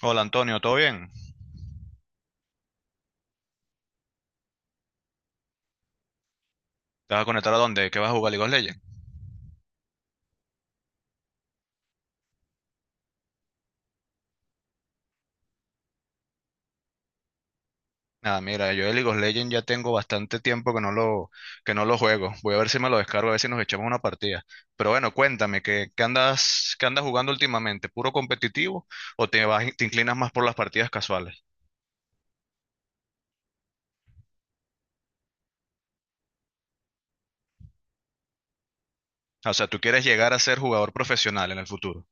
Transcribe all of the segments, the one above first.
Hola Antonio, ¿todo bien? ¿Te vas a conectar a dónde? ¿Qué vas a jugar League of Legends? Nada, mira, yo de League of Legends ya tengo bastante tiempo que no lo juego. Voy a ver si me lo descargo, a ver si nos echamos una partida. Pero bueno, cuéntame, ¿qué andas jugando últimamente? ¿Puro competitivo o te inclinas más por las partidas casuales? O sea, ¿tú quieres llegar a ser jugador profesional en el futuro?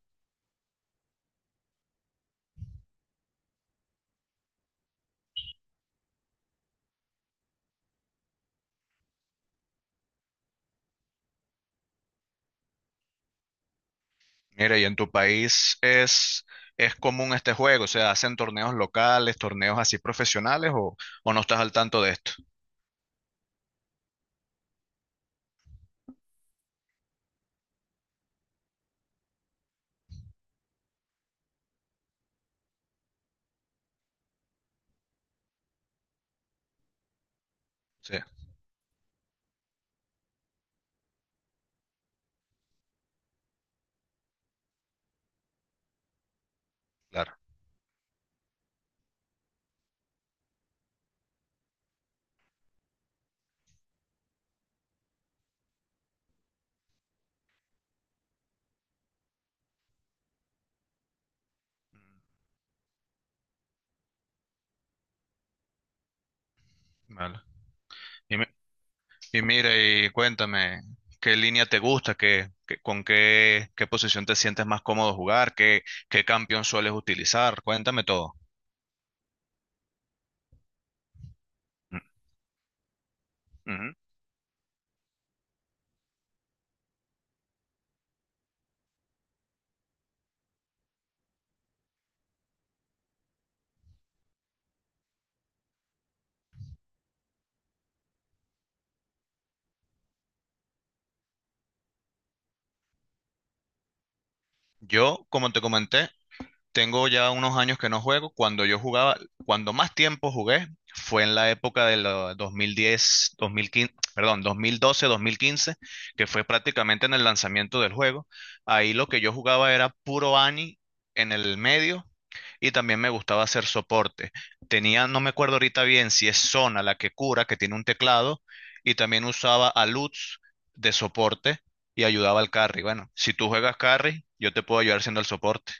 Mira, y en tu país es común este juego, o sea, ¿hacen torneos locales, torneos así profesionales o no estás al tanto de esto? Sí, claro. Vale. Y mira, y cuéntame, ¿qué línea te gusta? ¿Con qué posición te sientes más cómodo jugar? ¿Qué campeón sueles utilizar? Cuéntame todo. Mm, ujú. Yo, como te comenté, tengo ya unos años que no juego. Cuando yo jugaba, cuando más tiempo jugué fue en la época de los 2010, 2015, perdón, 2012, 2015, que fue prácticamente en el lanzamiento del juego. Ahí lo que yo jugaba era puro Ani en el medio y también me gustaba hacer soporte. Tenía, no me acuerdo ahorita bien si es Zona la que cura, que tiene un teclado, y también usaba a Lutz de soporte y ayudaba al carry. Bueno, si tú juegas carry, yo te puedo ayudar siendo el soporte.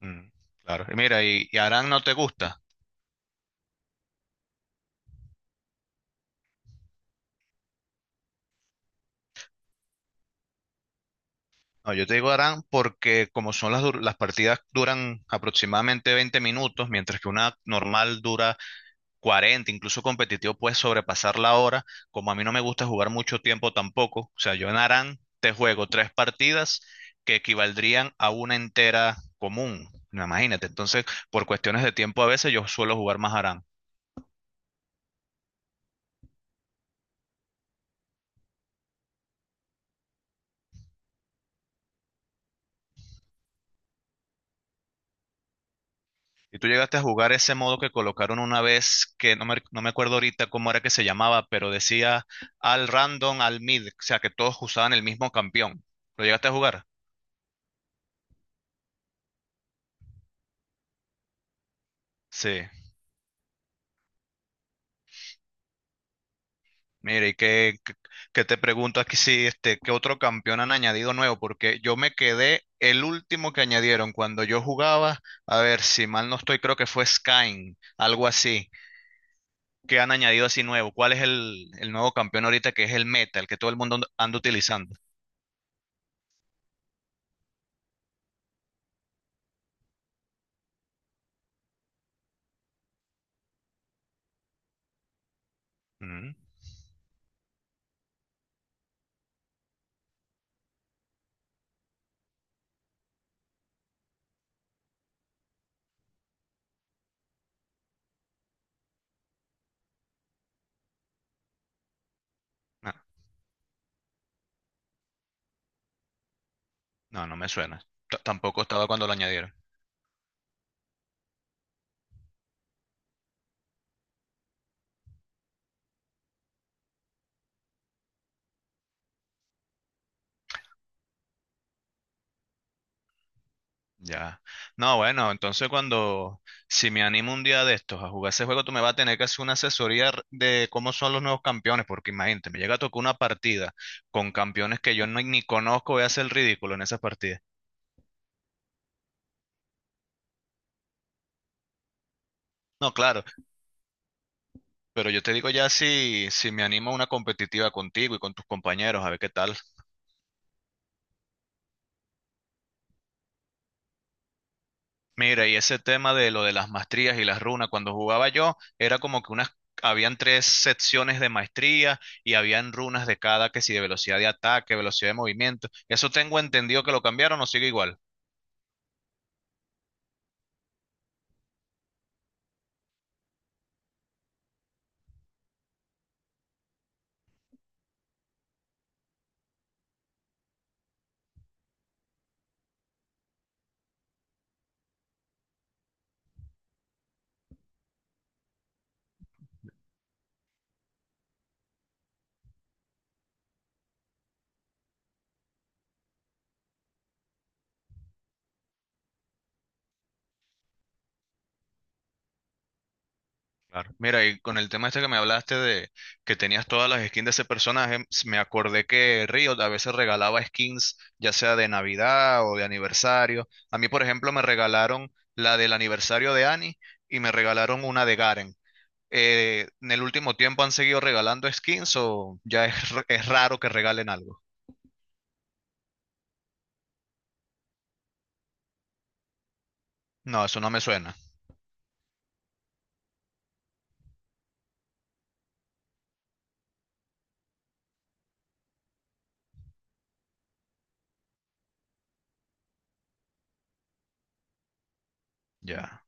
Mm, claro. Y mira, y Aran no te gusta. No, yo te digo Aran porque como son las partidas duran aproximadamente 20 minutos, mientras que una normal dura 40, incluso competitivo, puedes sobrepasar la hora. Como a mí no me gusta jugar mucho tiempo tampoco, o sea, yo en Aran te juego tres partidas que equivaldrían a una entera común. No, imagínate, entonces, por cuestiones de tiempo a veces yo suelo jugar más Aran. Y tú llegaste a jugar ese modo que colocaron una vez, que no me acuerdo ahorita cómo era que se llamaba, pero decía al random, al mid, o sea, que todos usaban el mismo campeón. ¿Lo llegaste a jugar? Sí. Mire, ¿qué te pregunto aquí si este, qué otro campeón han añadido nuevo? Porque yo me quedé el último que añadieron cuando yo jugaba, a ver si mal no estoy, creo que fue Skyn, algo así, que han añadido así nuevo. ¿Cuál es el nuevo campeón ahorita que es el meta, el que todo el mundo anda utilizando? Mm. No, no, no me suena. Tampoco estaba cuando lo añadieron. Ya. No, bueno, entonces cuando, si me animo un día de estos a jugar ese juego, tú me vas a tener que hacer una asesoría de cómo son los nuevos campeones, porque imagínate, me llega a tocar una partida con campeones que yo no, ni conozco, voy a hacer el ridículo en esas partidas. No, claro, pero yo te digo ya si me animo a una competitiva contigo y con tus compañeros, a ver qué tal. Mira, y ese tema de lo de las maestrías y las runas, cuando jugaba yo, era como que habían tres secciones de maestría y habían runas de cada, que si de velocidad de ataque, velocidad de movimiento. Eso tengo entendido que lo cambiaron o sigue igual. Claro. Mira, y con el tema este que me hablaste de que tenías todas las skins de ese personaje, me acordé que Riot a veces regalaba skins, ya sea de Navidad o de aniversario. A mí, por ejemplo, me regalaron la del aniversario de Annie y me regalaron una de Garen. En el último tiempo han seguido regalando skins o ya es raro que regalen algo. No, eso no me suena. Ya.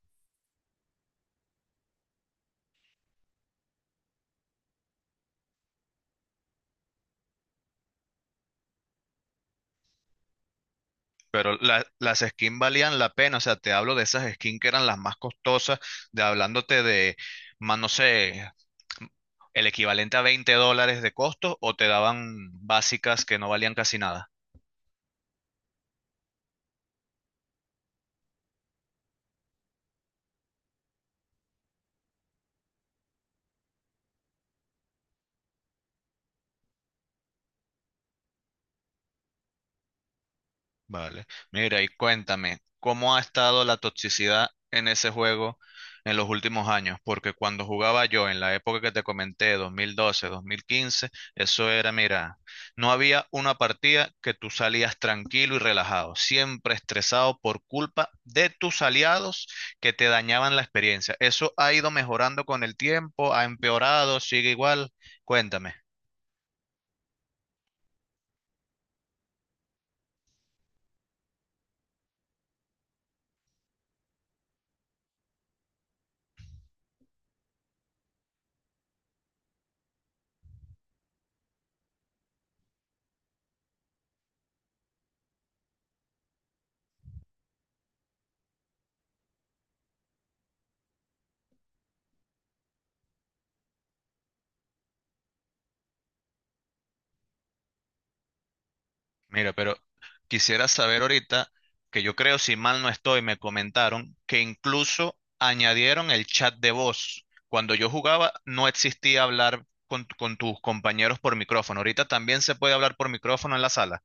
Pero las skins valían la pena. O sea, te hablo de esas skins que eran las más costosas, de hablándote de, más no sé, el equivalente a $20 de costo o te daban básicas que no valían casi nada. Vale. Mira, y cuéntame, ¿cómo ha estado la toxicidad en ese juego en los últimos años? Porque cuando jugaba yo en la época que te comenté, 2012, 2015, eso era, mira, no había una partida que tú salías tranquilo y relajado, siempre estresado por culpa de tus aliados que te dañaban la experiencia. ¿Eso ha ido mejorando con el tiempo? ¿Ha empeorado? ¿Sigue igual? Cuéntame. Mira, pero quisiera saber ahorita, que yo creo, si mal no estoy, me comentaron que incluso añadieron el chat de voz. Cuando yo jugaba no existía hablar con tus compañeros por micrófono. Ahorita también se puede hablar por micrófono en la sala.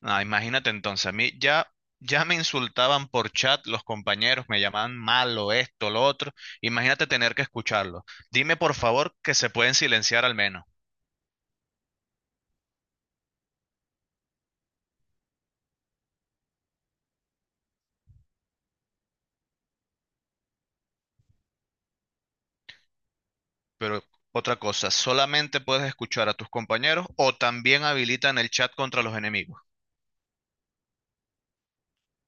Ah, imagínate entonces, a mí ya me insultaban por chat los compañeros, me llamaban malo, esto, lo otro. Imagínate tener que escucharlo. Dime por favor que se pueden silenciar al menos. Pero otra cosa, ¿solamente puedes escuchar a tus compañeros o también habilitan el chat contra los enemigos?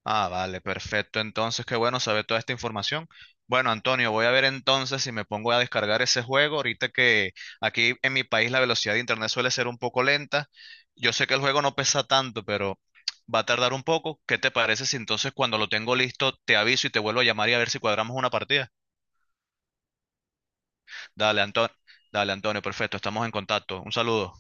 Ah, vale, perfecto. Entonces, qué bueno saber toda esta información. Bueno, Antonio, voy a ver entonces si me pongo a descargar ese juego. Ahorita que aquí en mi país la velocidad de internet suele ser un poco lenta. Yo sé que el juego no pesa tanto, pero va a tardar un poco. ¿Qué te parece si entonces cuando lo tengo listo te aviso y te vuelvo a llamar y a ver si cuadramos una partida? Dale, Antonio. Dale, Antonio, perfecto. Estamos en contacto. Un saludo.